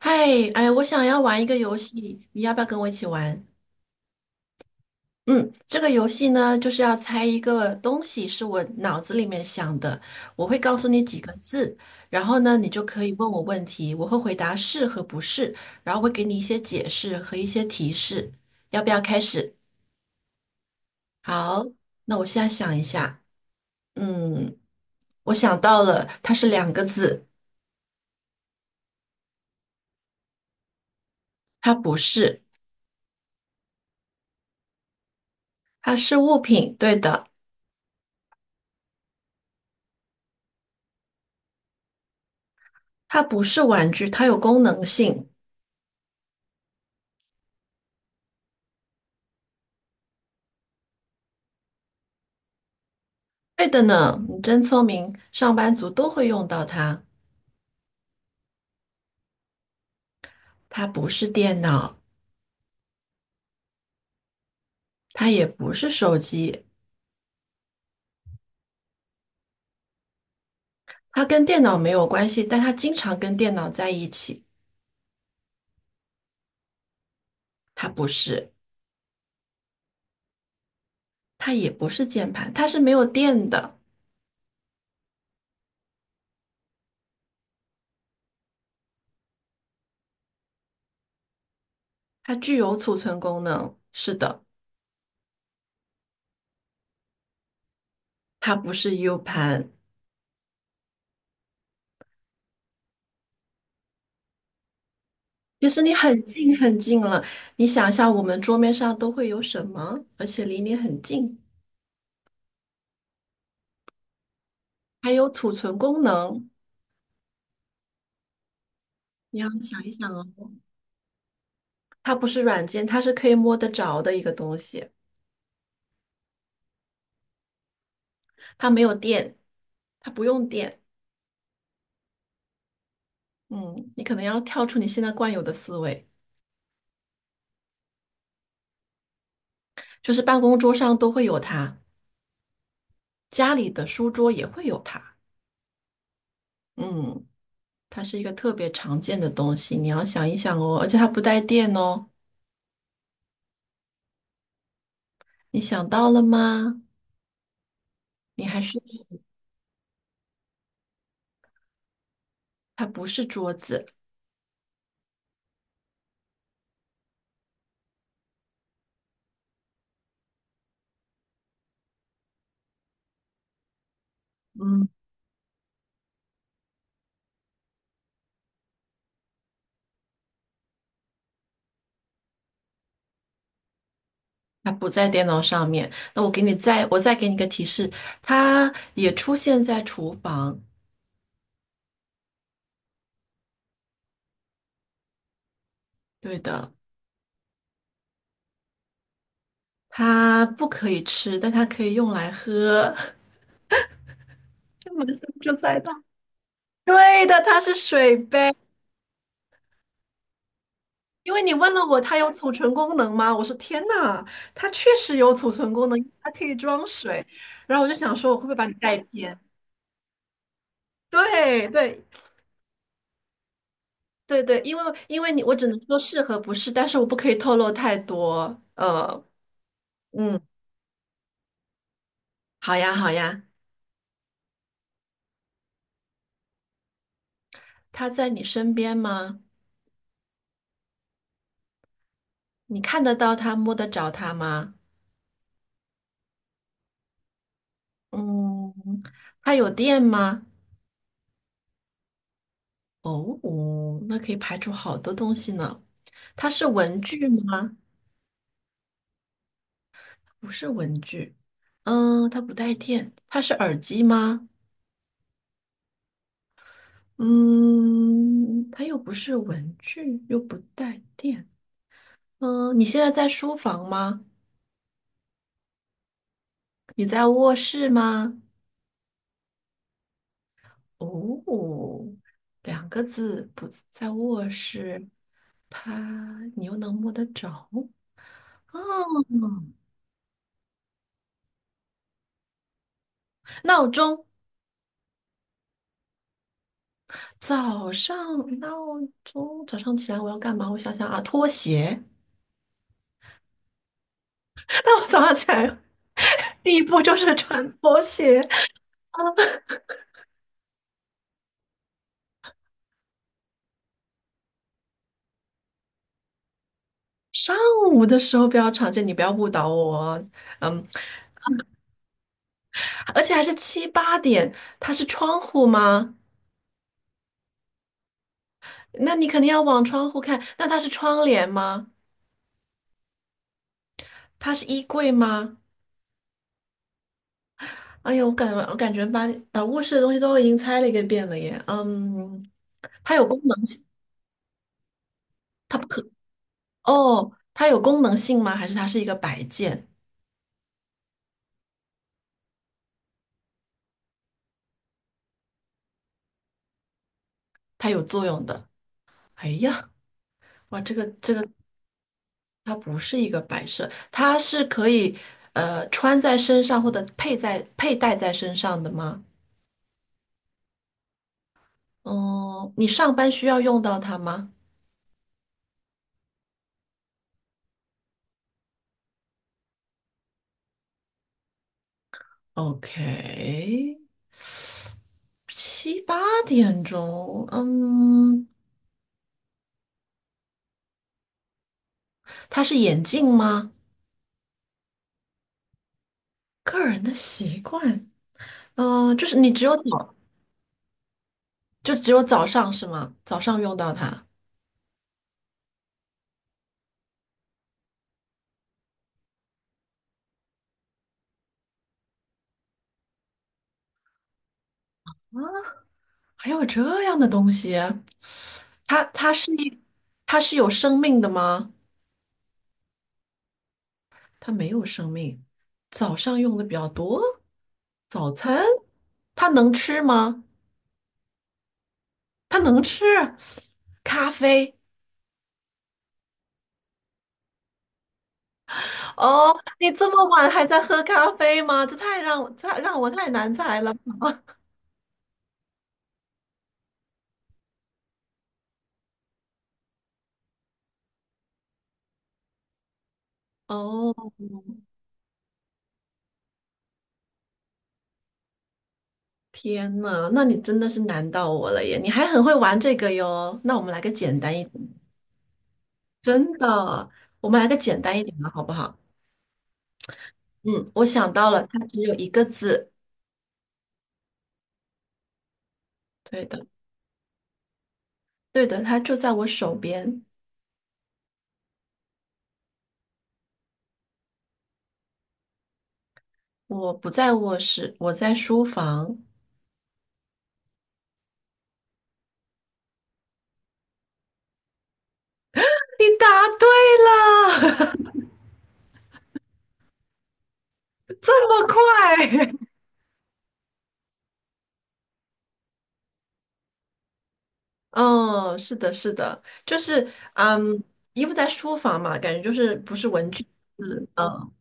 嗨，哎，我想要玩一个游戏，你要不要跟我一起玩？嗯，这个游戏呢，就是要猜一个东西，是我脑子里面想的，我会告诉你几个字，然后呢，你就可以问我问题，我会回答是和不是，然后会给你一些解释和一些提示。要不要开始？好，那我现在想一下，嗯，我想到了，它是两个字，它不是，它是物品，对的，它不是玩具，它有功能性。对的呢，你真聪明，上班族都会用到它。它不是电脑，它也不是手机，它跟电脑没有关系，但它经常跟电脑在一起。它不是，它也不是键盘，它是没有电的，它具有储存功能。是的，它不是 U 盘。其实你很近很近了，你想象我们桌面上都会有什么，而且离你很近，还有储存功能。你要想一想哦。它不是软件，它是可以摸得着的一个东西，它没有电，它不用电。嗯，你可能要跳出你现在惯有的思维，就是办公桌上都会有它，家里的书桌也会有它。嗯，它是一个特别常见的东西，你要想一想哦，而且它不带电哦，你想到了吗？你还是，它不是桌子，它不在电脑上面。那我给你再，我再给你一个提示，它也出现在厨房。对的。它不可以吃，但它可以用来喝。这么就猜到？对的，它是水杯。因为你问了我它有储存功能吗？我说天呐，它确实有储存功能，它可以装水。然后我就想说，我会不会把你带偏？对对对对，因为你我只能说是和不是，但是我不可以透露太多。嗯，好呀好呀，它在你身边吗？你看得到它，摸得着它吗？嗯，它有电吗？哦哦那可以排除好多东西呢。它是文具吗？不是文具。它不带电。它是耳机吗？嗯，它又不是文具，又不带电。你现在在书房吗？你在卧室吗？哦，两个字，不在卧室。它，你又能摸得着？哦，闹钟。早上闹钟，早上起来我要干嘛？我想想啊，拖鞋。那我早上起来第一步就是穿拖鞋。上午的时候比较常见，你不要误导我哦嗯，而且还是七八点，它是窗户吗？那你肯定要往窗户看。那它是窗帘吗？它是衣柜吗？哎呦，我感觉把卧室的东西都已经猜了一个遍了耶。嗯，它有功能性，它不可，哦，它有功能性吗？还是它是一个摆件？它有作用的。哎呀，哇，这个它不是一个摆设，它是可以穿在身上或者佩戴在身上的吗？嗯，你上班需要用到它吗？OK，七八点钟，它是眼镜吗？个人的习惯，就是你只有早，就只有早上是吗？早上用到它啊，还有这样的东西。它它是一它是有生命的吗？它没有生命。早上用的比较多，早餐它能吃吗？它能吃咖啡哦。你这么晚还在喝咖啡吗？这太让我太难猜了。哦，天呐，那你真的是难到我了耶！你还很会玩这个哟。那我们来个简单一点，真的，我们来个简单一点的好不好？嗯，我想到了，它只有一个字。对的。对的，它就在我手边。我不在卧室，我在书房。你答对了，这么快？嗯，是的，是的，就是嗯，衣服在书房嘛，感觉就是不是文具，是，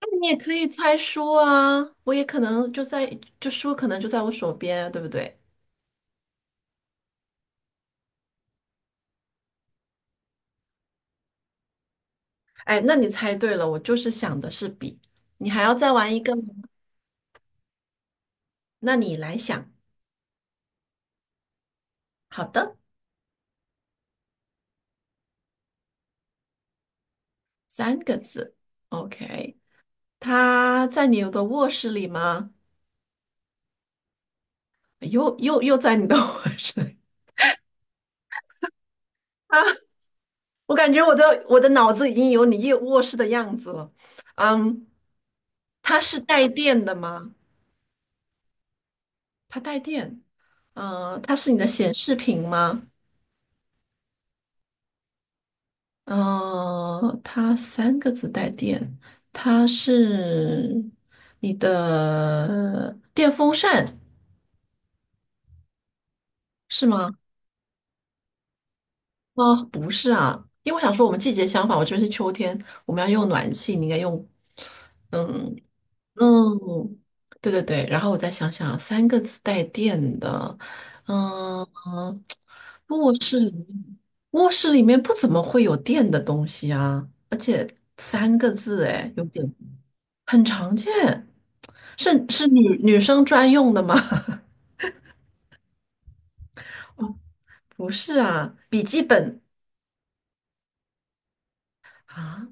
那你也可以猜书啊，我也可能就在，就书可能就在我手边啊，对不对？哎，那你猜对了，我就是想的是笔，你还要再玩一个吗？那你来想，好的，三个字，OK。他在你的卧室里吗？又又又在你的 卧室里啊！我感觉我的脑子已经有你夜卧室的样子了。嗯，它是带电的吗？它带电。它是你的显示屏吗？它三个字带电，它是你的电风扇是吗？哦，不是啊，因为我想说我们季节相反，我这边是秋天，我们要用暖气，你应该用嗯嗯，对对对，然后我再想想，三个字带电的，嗯嗯，卧室里面，卧室里面不怎么会有电的东西啊，而且三个字，哎，有点很常见，是女生专用的吗？哦，不是啊，笔记本啊，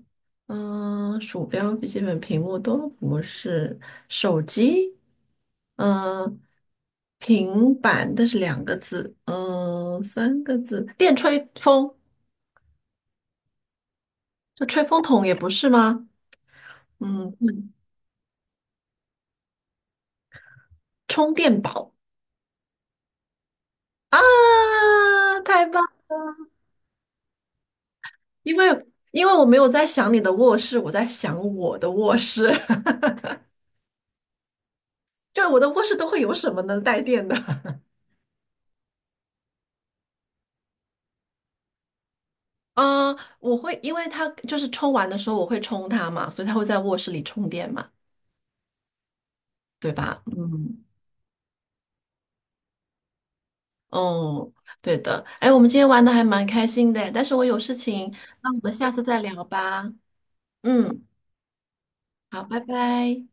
鼠标、笔记本、屏幕都不是，手机，嗯，平板，但是两个字，三个字，电吹风，这吹风筒也不是吗？嗯，充电宝啊，太棒！因为因为我没有在想你的卧室，我在想我的卧室，就我的卧室都会有什么能带电的？嗯，我会，因为他就是充完的时候我会充它嘛，所以它会在卧室里充电嘛，对吧？嗯，哦，对的。哎，我们今天玩的还蛮开心的，但是我有事情，那我们下次再聊吧。嗯，好，拜拜。